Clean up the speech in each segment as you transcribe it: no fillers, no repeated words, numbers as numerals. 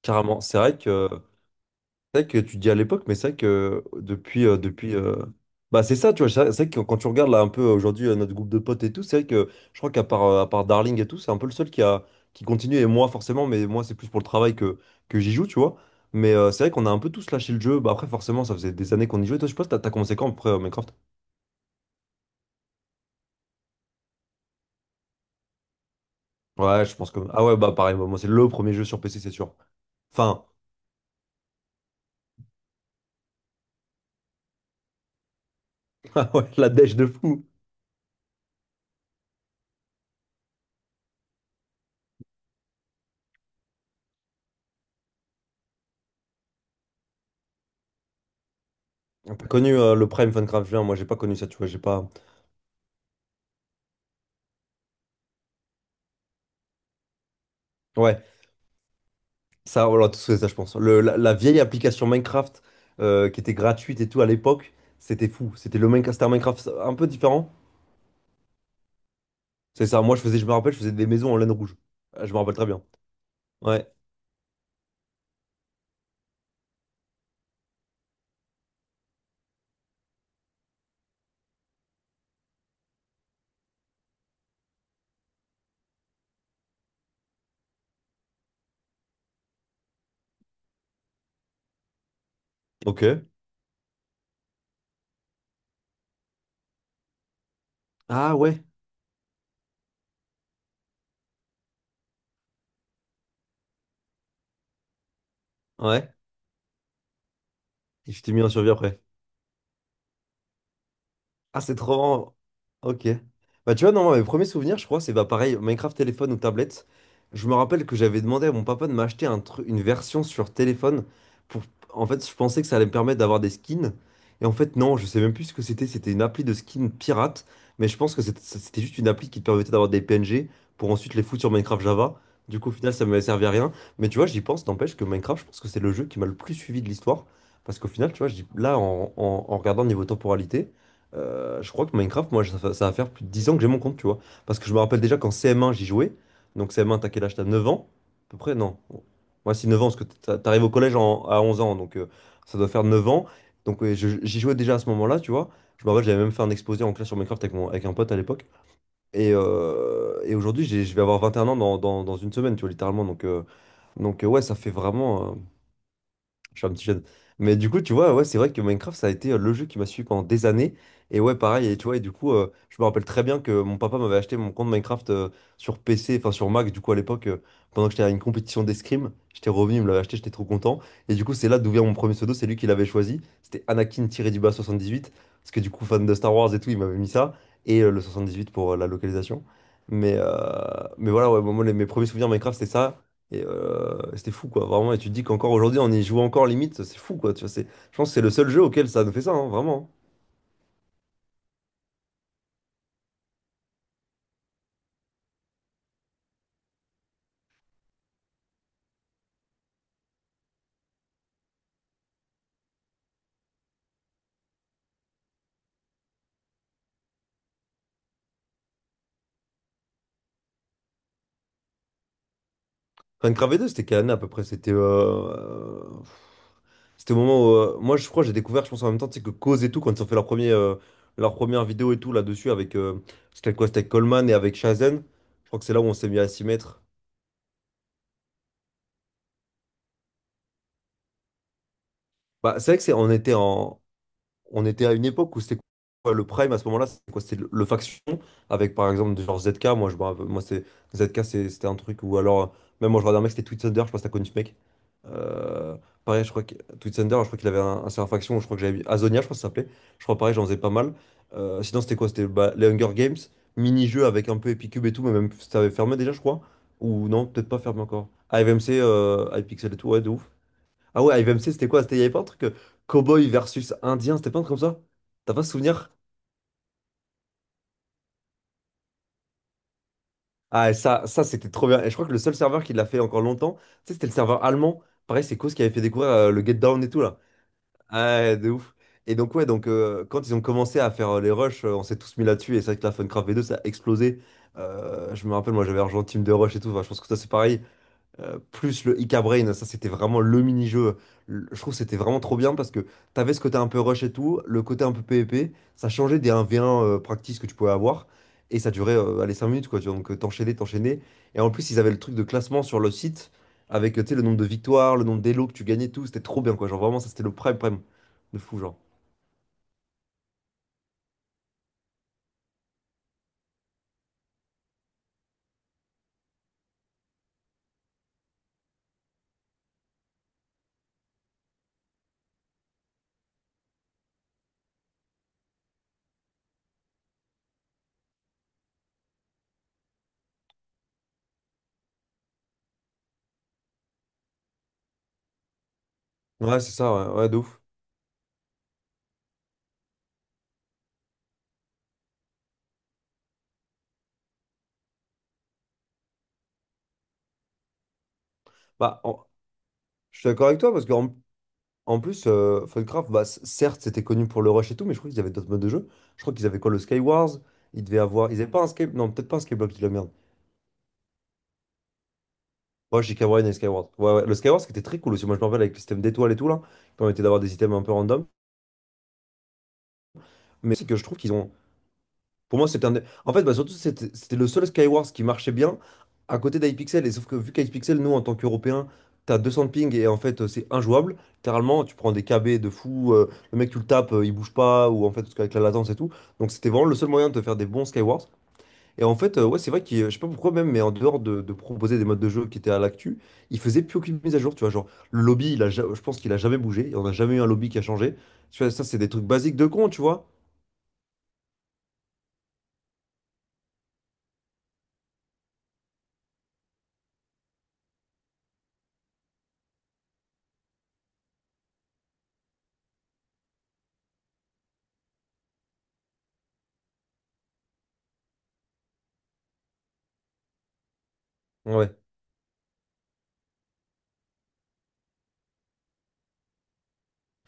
Carrément, c'est vrai que tu dis à l'époque, mais c'est vrai que depuis bah c'est ça, tu vois, c'est vrai que quand tu regardes là un peu aujourd'hui notre groupe de potes et tout, c'est vrai que je crois qu'à part Darling et tout, c'est un peu le seul qui continue et moi forcément, mais moi c'est plus pour le travail que j'y joue, tu vois. Mais c'est vrai qu'on a un peu tous lâché le jeu. Bah après forcément, ça faisait des années qu'on y jouait. Toi, je pense t'as commencé quand après Minecraft? Ouais, je pense que ah ouais bah pareil, moi c'est le premier jeu sur PC, c'est sûr. Enfin, ah ouais, la dèche de fou. T'as connu le Prime Funcraft, je veux dire, moi j'ai pas connu ça, tu vois, j'ai pas. Ouais. Ça, on l'a tous fait, ça, je pense. La vieille application Minecraft qui était gratuite et tout à l'époque, c'était fou. C'était le Minecraft, c'était un Minecraft un peu différent. C'est ça. Moi, je faisais, je me rappelle, je faisais des maisons en laine rouge. Je me rappelle très bien. Ouais. Ok. Ah ouais. Ouais. Et je t'ai mis en survie après. Ah, c'est trop marrant. Ok. Bah, tu vois, non, mes premiers souvenirs, je crois, c'est bah, pareil, Minecraft téléphone ou tablette. Je me rappelle que j'avais demandé à mon papa de m'acheter une version sur téléphone pour. En fait, je pensais que ça allait me permettre d'avoir des skins. Et en fait, non, je sais même plus ce que c'était. C'était une appli de skins pirate. Mais je pense que c'était juste une appli qui te permettait d'avoir des PNG pour ensuite les foutre sur Minecraft Java. Du coup, au final, ça m'avait servi à rien. Mais tu vois, j'y pense, n'empêche que Minecraft, je pense que c'est le jeu qui m'a le plus suivi de l'histoire. Parce qu'au final, tu vois, là, en regardant niveau temporalité. Je crois que Minecraft, moi, ça, ça va faire plus de 10 ans que j'ai mon compte, tu vois. Parce que je me rappelle déjà qu'en CM1, j'y jouais. Donc CM1, t'as quel âge? T'as 9 ans? À peu près, non. Moi, c'est 9 ans, parce que t'arrives au collège à 11 ans, donc ça doit faire 9 ans. Donc ouais, j'y jouais déjà à ce moment-là, tu vois. Je me rappelle, j'avais même fait un exposé en classe sur Minecraft avec un pote à l'époque. Et aujourd'hui, je vais avoir 21 ans dans, dans une semaine, tu vois, littéralement. Donc, ouais, ça fait vraiment. Je suis un petit jeune. Mais du coup, tu vois, ouais, c'est vrai que Minecraft, ça a été le jeu qui m'a suivi pendant des années. Et ouais, pareil, et tu vois, et du coup, je me rappelle très bien que mon papa m'avait acheté mon compte Minecraft sur PC, enfin sur Mac, du coup, à l'époque, pendant que j'étais à une compétition d'escrime, j'étais revenu, il me l'avait acheté, j'étais trop content. Et du coup, c'est là d'où vient mon premier pseudo, c'est lui qui l'avait choisi. C'était Anakin-78, parce que du coup, fan de Star Wars et tout, il m'avait mis ça. Et le 78 pour la localisation. Mais voilà, ouais, moi, mes premiers souvenirs Minecraft, c'était ça. Et c'était fou, quoi, vraiment. Et tu te dis qu'encore aujourd'hui, on y joue encore limite, c'est fou, quoi. Tu vois, c'est, je pense que c'est le seul jeu auquel ça nous fait ça, hein, vraiment. Minecraft V2 c'était quelle année à peu près? C'était au moment où. Moi, je crois que j'ai découvert, je pense en même temps, tu sais, que Cause et tout, quand ils ont fait leur premier, leur première vidéo et tout là-dessus, avec. C'était quoi? C'était avec Coleman et avec Shazen. Je crois que c'est là où on s'est mis à s'y mettre. Bah, c'est vrai que c'est, on était à une époque où c'était quoi le prime à ce moment-là, c'est quoi? C'était le faction avec par exemple des genre ZK. Moi, moi c'est ZK, c'était un truc ou alors même moi je regardais un mec, c'était Tweet Thunder, je sais pas si t'as connu ce mec. Euh, pareil, je crois que Tweet Thunder, je crois qu'il avait un, serveur faction, je crois que Azonia, je crois que ça s'appelait. Je crois pareil, j'en faisais pas mal. Sinon, c'était quoi? C'était bah, les Hunger Games, mini-jeu avec un peu Epicube et tout, mais même ça avait fermé déjà, je crois. Ou non, peut-être pas fermé encore. AFMC, iPixel et tout, ouais, de ouf. Ah ouais, IVMC, c'était quoi? C'était, il y avait pas un truc cowboy versus indien, c'était pas un truc comme ça? T'as pas souvenir? Ah, et ça c'était trop bien. Et je crois que le seul serveur qui l'a fait encore longtemps, tu sais, c'était le serveur allemand. Pareil, c'est Koz qui avait fait découvrir le Get Down et tout, là. Ah, de ouf. Et donc, ouais, donc quand ils ont commencé à faire les rushs, on s'est tous mis là-dessus. Et c'est vrai que la Funcraft v2, ça a explosé. Je me rappelle, moi, j'avais rejoint le Team de Rush et tout. Enfin, je pense que ça, c'est pareil. Plus le Ica Brain, ça c'était vraiment le mini-jeu. Je trouve que c'était vraiment trop bien parce que t'avais ce côté un peu rush et tout, le côté un peu PvP, ça changeait des 1v1 practice que tu pouvais avoir et ça durait allez, 5 minutes quoi, tu vois, donc t'enchaînais, t'enchaînais. Et en plus, ils avaient le truc de classement sur le site avec tu sais, le nombre de victoires, le nombre d'élos que tu gagnais, et tout, c'était trop bien quoi. Genre vraiment, ça c'était le prime prime de fou, genre. Ouais, c'est ça, ouais, ouais, de ouf. Bah, je suis d'accord avec toi, parce que en plus, Fullcraft, bah, certes, c'était connu pour le rush et tout, mais je crois qu'ils avaient d'autres modes de jeu. Je crois qu'ils avaient quoi, le Skywars? Ils devaient avoir. Ils avaient pas un Sky. Non, peut-être pas un Skyblock, je dis de la merde. Ouais, j'ai Skywars et Skywars. Ouais, ouais. Le Skywars, qui était très cool aussi. Moi, je me rappelle avec le système d'étoiles et tout, là, qui permettait d'avoir des items un peu random. Mais c'est que je trouve qu'ils ont. Pour moi, c'était un. En fait, bah, surtout, c'était le seul Skywars qui marchait bien à côté d'iPixel. Et sauf que vu qu'iPixel, nous, en tant qu'Européens, t'as 200 de ping et en fait, c'est injouable. Littéralement, tu prends des KB de fou, le mec, tu le tapes, il bouge pas, ou en fait, avec la latence et tout. Donc, c'était vraiment le seul moyen de te faire des bons Skywars. Et en fait, ouais, c'est vrai qu'il, je sais pas pourquoi même, mais en dehors de proposer des modes de jeu qui étaient à l'actu, il faisait plus aucune mise à jour. Tu vois, genre, le lobby, je pense qu'il a jamais bougé. On n'a jamais eu un lobby qui a changé. Tu vois, ça, c'est des trucs basiques de con, tu vois. Ouais.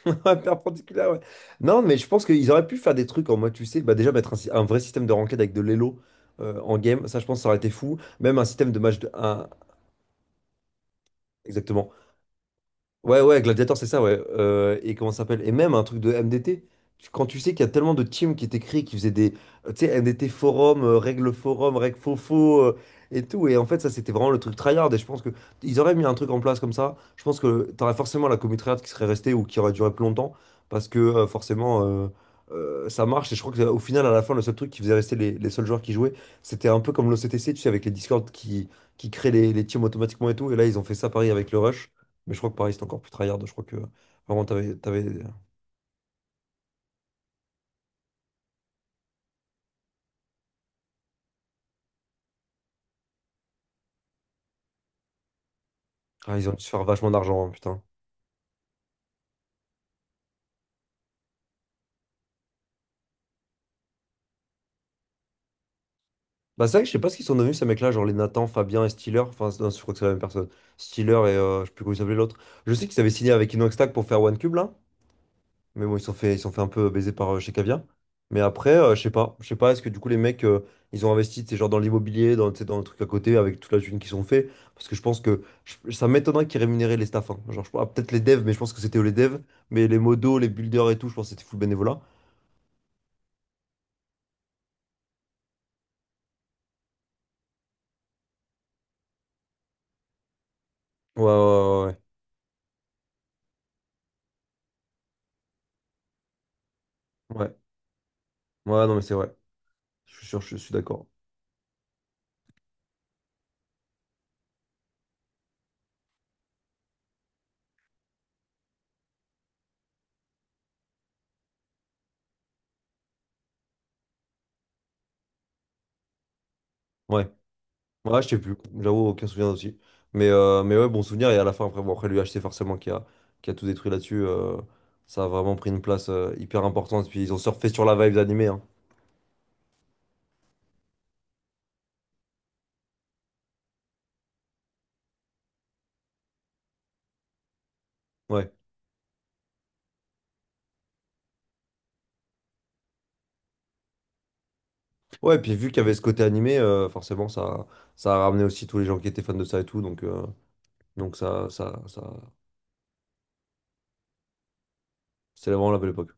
Ouais, perpendiculaire, ouais. Non, mais je pense qu'ils auraient pu faire des trucs en mode, tu sais, bah déjà mettre un vrai système de ranked avec de l'élo en game, ça je pense que ça aurait été fou. Même un système de match de 1, exactement, ouais, ouais, Gladiator, c'est ça, ouais. Et comment ça s'appelle? Et même un truc de MDT. Quand tu sais qu'il y a tellement de teams qui étaient créés qui faisaient des. Tu sais, MDT Forum, règle Forum, règle faux faux, et tout. Et en fait, ça, c'était vraiment le truc tryhard. Et je pense que ils auraient mis un truc en place comme ça. Je pense que t'aurais forcément la commu tryhard qui serait restée ou qui aurait duré plus longtemps. Parce que forcément, ça marche. Et je crois que, au final, à la fin, le seul truc qui faisait rester les, seuls joueurs qui jouaient, c'était un peu comme l'OCTC, tu sais, avec les Discord qui créent les, teams automatiquement et tout. Et là, ils ont fait ça pareil avec le Rush. Mais je crois que pareil, c'était encore plus tryhard. Je crois que vraiment, t'avais. Ah, ils ont dû se faire vachement d'argent, hein, putain. Bah, c'est vrai que je sais pas ce qu'ils sont devenus, ces mecs-là, genre les Nathan, Fabien et Steeler. Enfin, non, je crois que c'est la même personne. Steeler et je sais plus comment il s'appelait l'autre. Je sais qu'ils avaient signé avec Inox pour faire One Cube, là. Mais bon, ils se sont fait un peu baiser par chez Cavia. Mais après, je sais pas. Je sais pas, est-ce que du coup, les mecs, ils ont investi, c'est genre dans l'immobilier, dans, tu sais, dans le truc à côté, avec toute la thune qu'ils ont fait. Parce que je pense que ça m'étonnerait qu'ils rémunéraient les staffs, hein. Genre, ah, peut-être les devs, mais je pense que c'était eux les devs. Mais les modos, les builders et tout, je pense que c'était full bénévolat. Ouais, ouais, ouais, ouais. Ouais, ouais, non, mais c'est vrai. Je suis sûr, je suis d'accord. Ouais, ouais, je sais plus. J'avoue, aucun souvenir aussi. Mais ouais, bon souvenir. Et à la fin, après, bon, après l'UHC, forcément, qui a tout détruit là-dessus, ça a vraiment pris une place hyper importante. Puis ils ont surfé sur la vibe animée, hein. Ouais. Ouais, puis vu qu'il y avait ce côté animé, forcément, ça a ramené aussi tous les gens qui étaient fans de ça et tout. Donc, ça, c'est vraiment la belle époque.